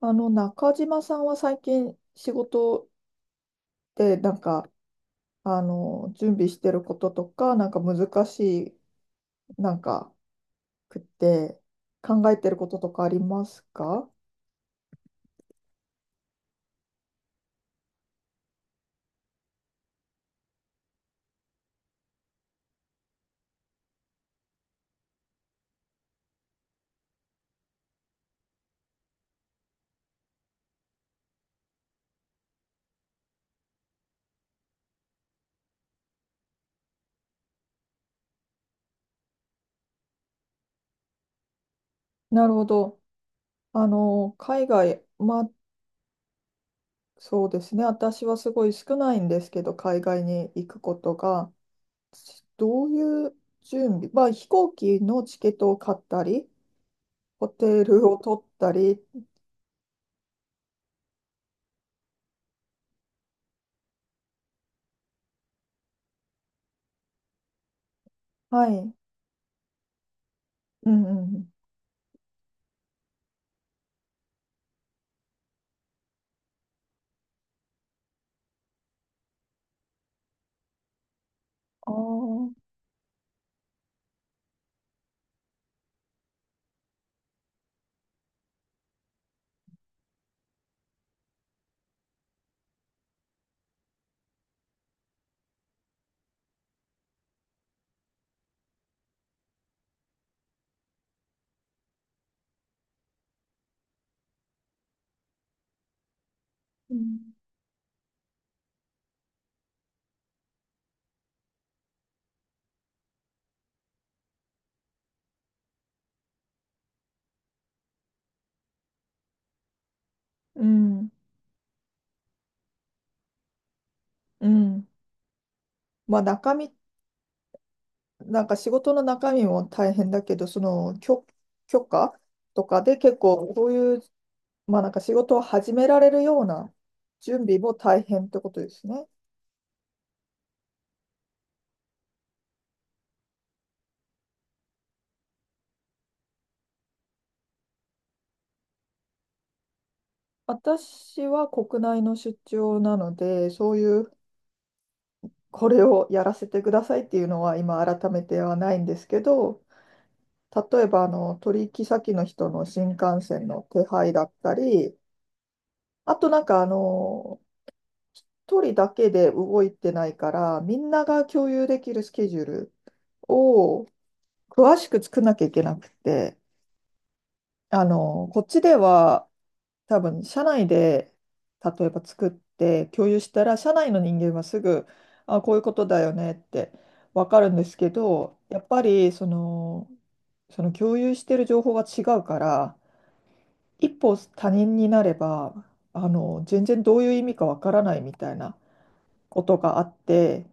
中島さんは最近仕事でなんか、準備してることとか、なんか難しい、なんか、くって考えてることとかありますか？なるほど。海外、まあ、そうですね。私はすごい少ないんですけど、海外に行くことが、どういう準備、まあ、飛行機のチケットを買ったり、ホテルを取ったり。はい。うんうんうん。ああ。うんうん、うん。まあ中身、なんか仕事の中身も大変だけど、その許可とかで結構そういう、まあなんか仕事を始められるような準備も大変ってことですね。私は国内の出張なので、そういうこれをやらせてくださいっていうのは今改めてはないんですけど、例えば取引先の人の新幹線の手配だったり、あとなんか一人だけで動いてないから、みんなが共有できるスケジュールを詳しく作んなきゃいけなくて、こっちでは多分社内で例えば作って共有したら、社内の人間はすぐ、あ、こういうことだよねってわかるんですけど、やっぱりその共有してる情報が違うから、一歩他人になれば、全然どういう意味かわからないみたいなことがあって、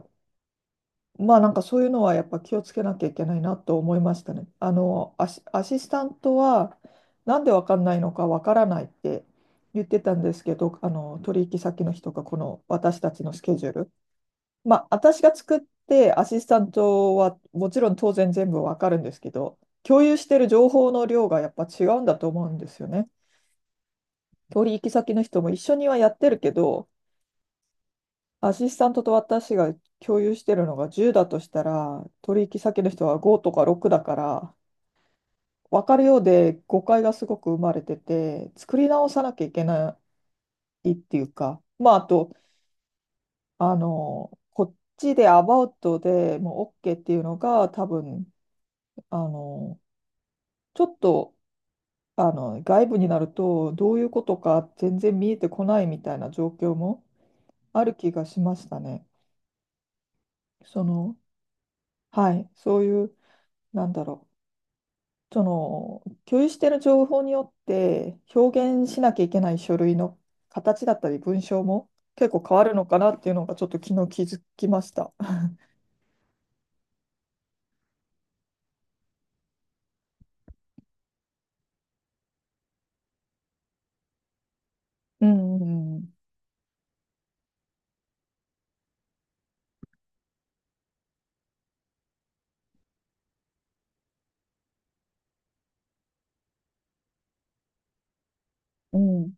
まあなんかそういうのはやっぱ気をつけなきゃいけないなと思いましたね。アシスタントはなんでわかんないのかわからないって言ってたんですけど、取引先の人がこの私たちのスケジュール。まあ私が作ってアシスタントはもちろん当然全部わかるんですけど、共有してる情報の量がやっぱ違うんだと思うんですよね。取引先の人も一緒にはやってるけど、アシスタントと私が共有してるのが10だとしたら、取引先の人は5とか6だから、分かるようで誤解がすごく生まれてて、作り直さなきゃいけないっていうか、まあ、あと、こっちでアバウトでもう OK っていうのが、多分、あの、ちょっと、あの、外部になると、どういうことか全然見えてこないみたいな状況もある気がしましたね。その、はい、そういう、なんだろう。その共有している情報によって表現しなきゃいけない書類の形だったり文章も結構変わるのかなっていうのがちょっと昨日気づきました。うんうんうん、うん、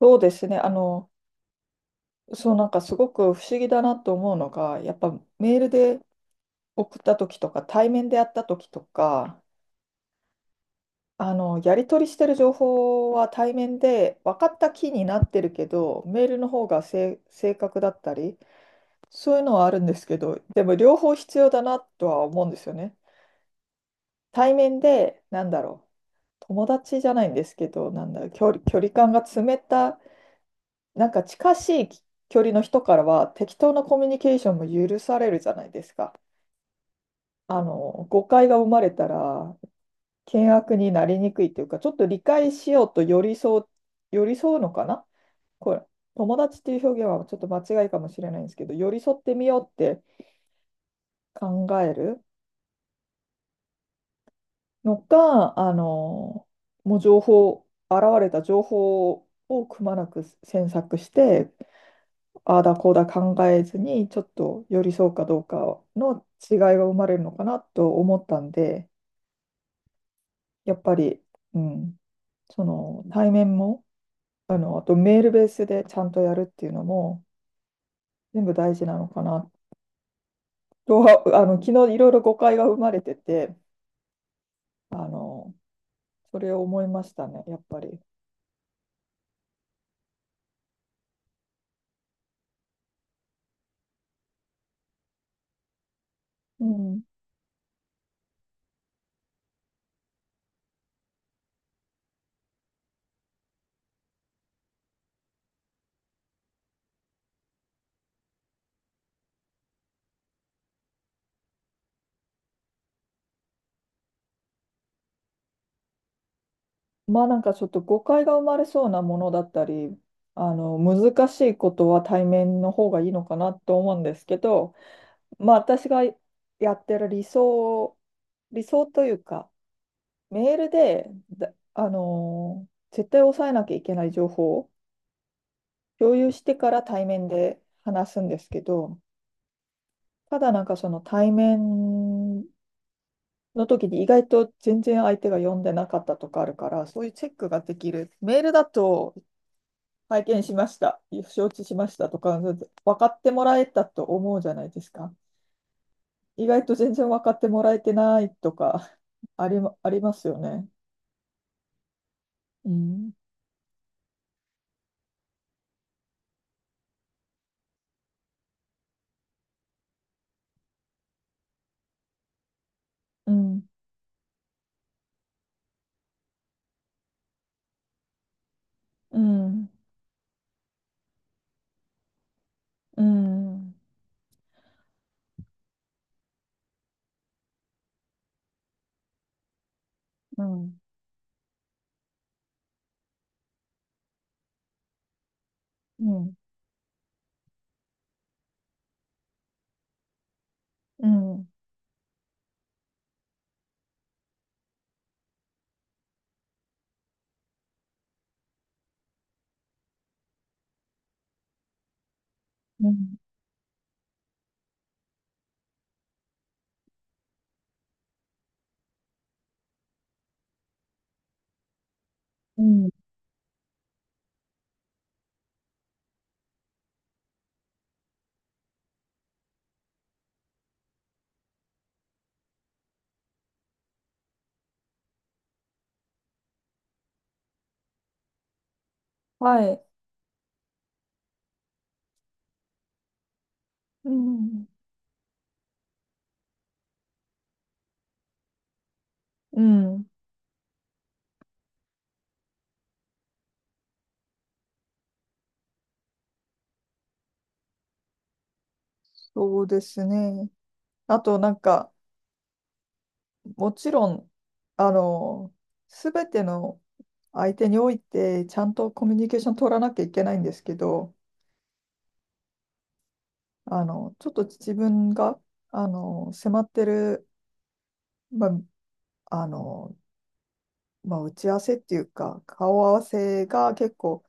そうですね。そうなんかすごく不思議だなと思うのが、やっぱメールで送った時とか対面でやった時とか、やり取りしてる情報は対面で分かった気になってるけど、メールの方が正確だったり。そういうのはあるんですけど、でも両方必要だなとは思うんですよね。対面で、なんだろう、友達じゃないんですけど、なんだろう、距離感が詰めた、なんか近しい距離の人からは適当なコミュニケーションも許されるじゃないですか。誤解が生まれたら、険悪になりにくいというか、ちょっと理解しようと寄り添う、寄り添うのかな。これ、友達っていう表現はちょっと間違いかもしれないんですけど、寄り添ってみようって考える。のか、もう現れた情報をくまなく詮索して、ああだこうだ考えずに、ちょっと寄り添うかどうかの違いが生まれるのかなと思ったんで、やっぱり、うん、その対面も、あとメールベースでちゃんとやるっていうのも、全部大事なのかなとは、昨日いろいろ誤解が生まれてて、あの、それを思いましたね、やっぱり。うん。まあなんかちょっと誤解が生まれそうなものだったり、難しいことは対面の方がいいのかなと思うんですけど、まあ私がやってる理想というか、メールで、だあのー絶対押さえなきゃいけない情報を共有してから対面で話すんですけど、ただなんかその対面の時に意外と全然相手が読んでなかったとかあるから、そういうチェックができる。メールだと拝見しました、承知しましたとか、分かってもらえたと思うじゃないですか。意外と全然分かってもらえてないとか、ありますよね。うん、うん、うん、うん、うん、うん、うん、うん、うん、はい、うん、うん、そうですね。あと、なんか、もちろん、あの、すべての相手において、ちゃんとコミュニケーション取らなきゃいけないんですけど、ちょっと自分が、迫ってる、まあ、あの、まあ、打ち合わせっていうか、顔合わせが結構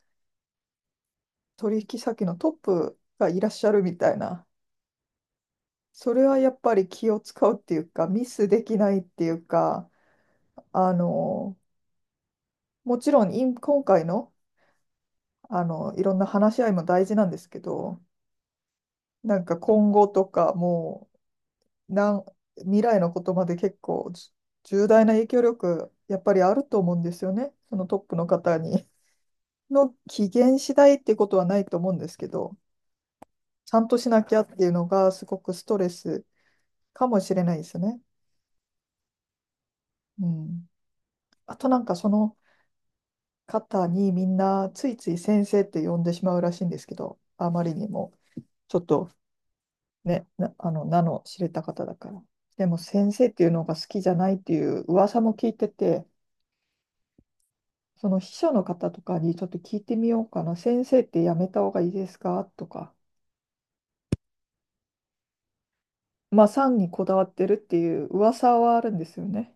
取引先のトップがいらっしゃるみたいな、それはやっぱり気を使うっていうか、ミスできないっていうか、あの、もちろん今回の、いろんな話し合いも大事なんですけど、なんか今後とかもう、なん未来のことまで結構重大な影響力、やっぱりあると思うんですよね、そのトップの方に。の機嫌次第っていうことはないと思うんですけど、ちゃんとしなきゃっていうのがすごくストレスかもしれないですね。うん。あとなんかその方にみんなついつい先生って呼んでしまうらしいんですけど、あまりにもちょっとね、な、あの、名の知れた方だから。でも先生っていうのが好きじゃないっていう噂も聞いてて、その秘書の方とかにちょっと聞いてみようかな。先生ってやめた方がいいですかとか。まあ、産にこだわってるっていう噂はあるんですよね。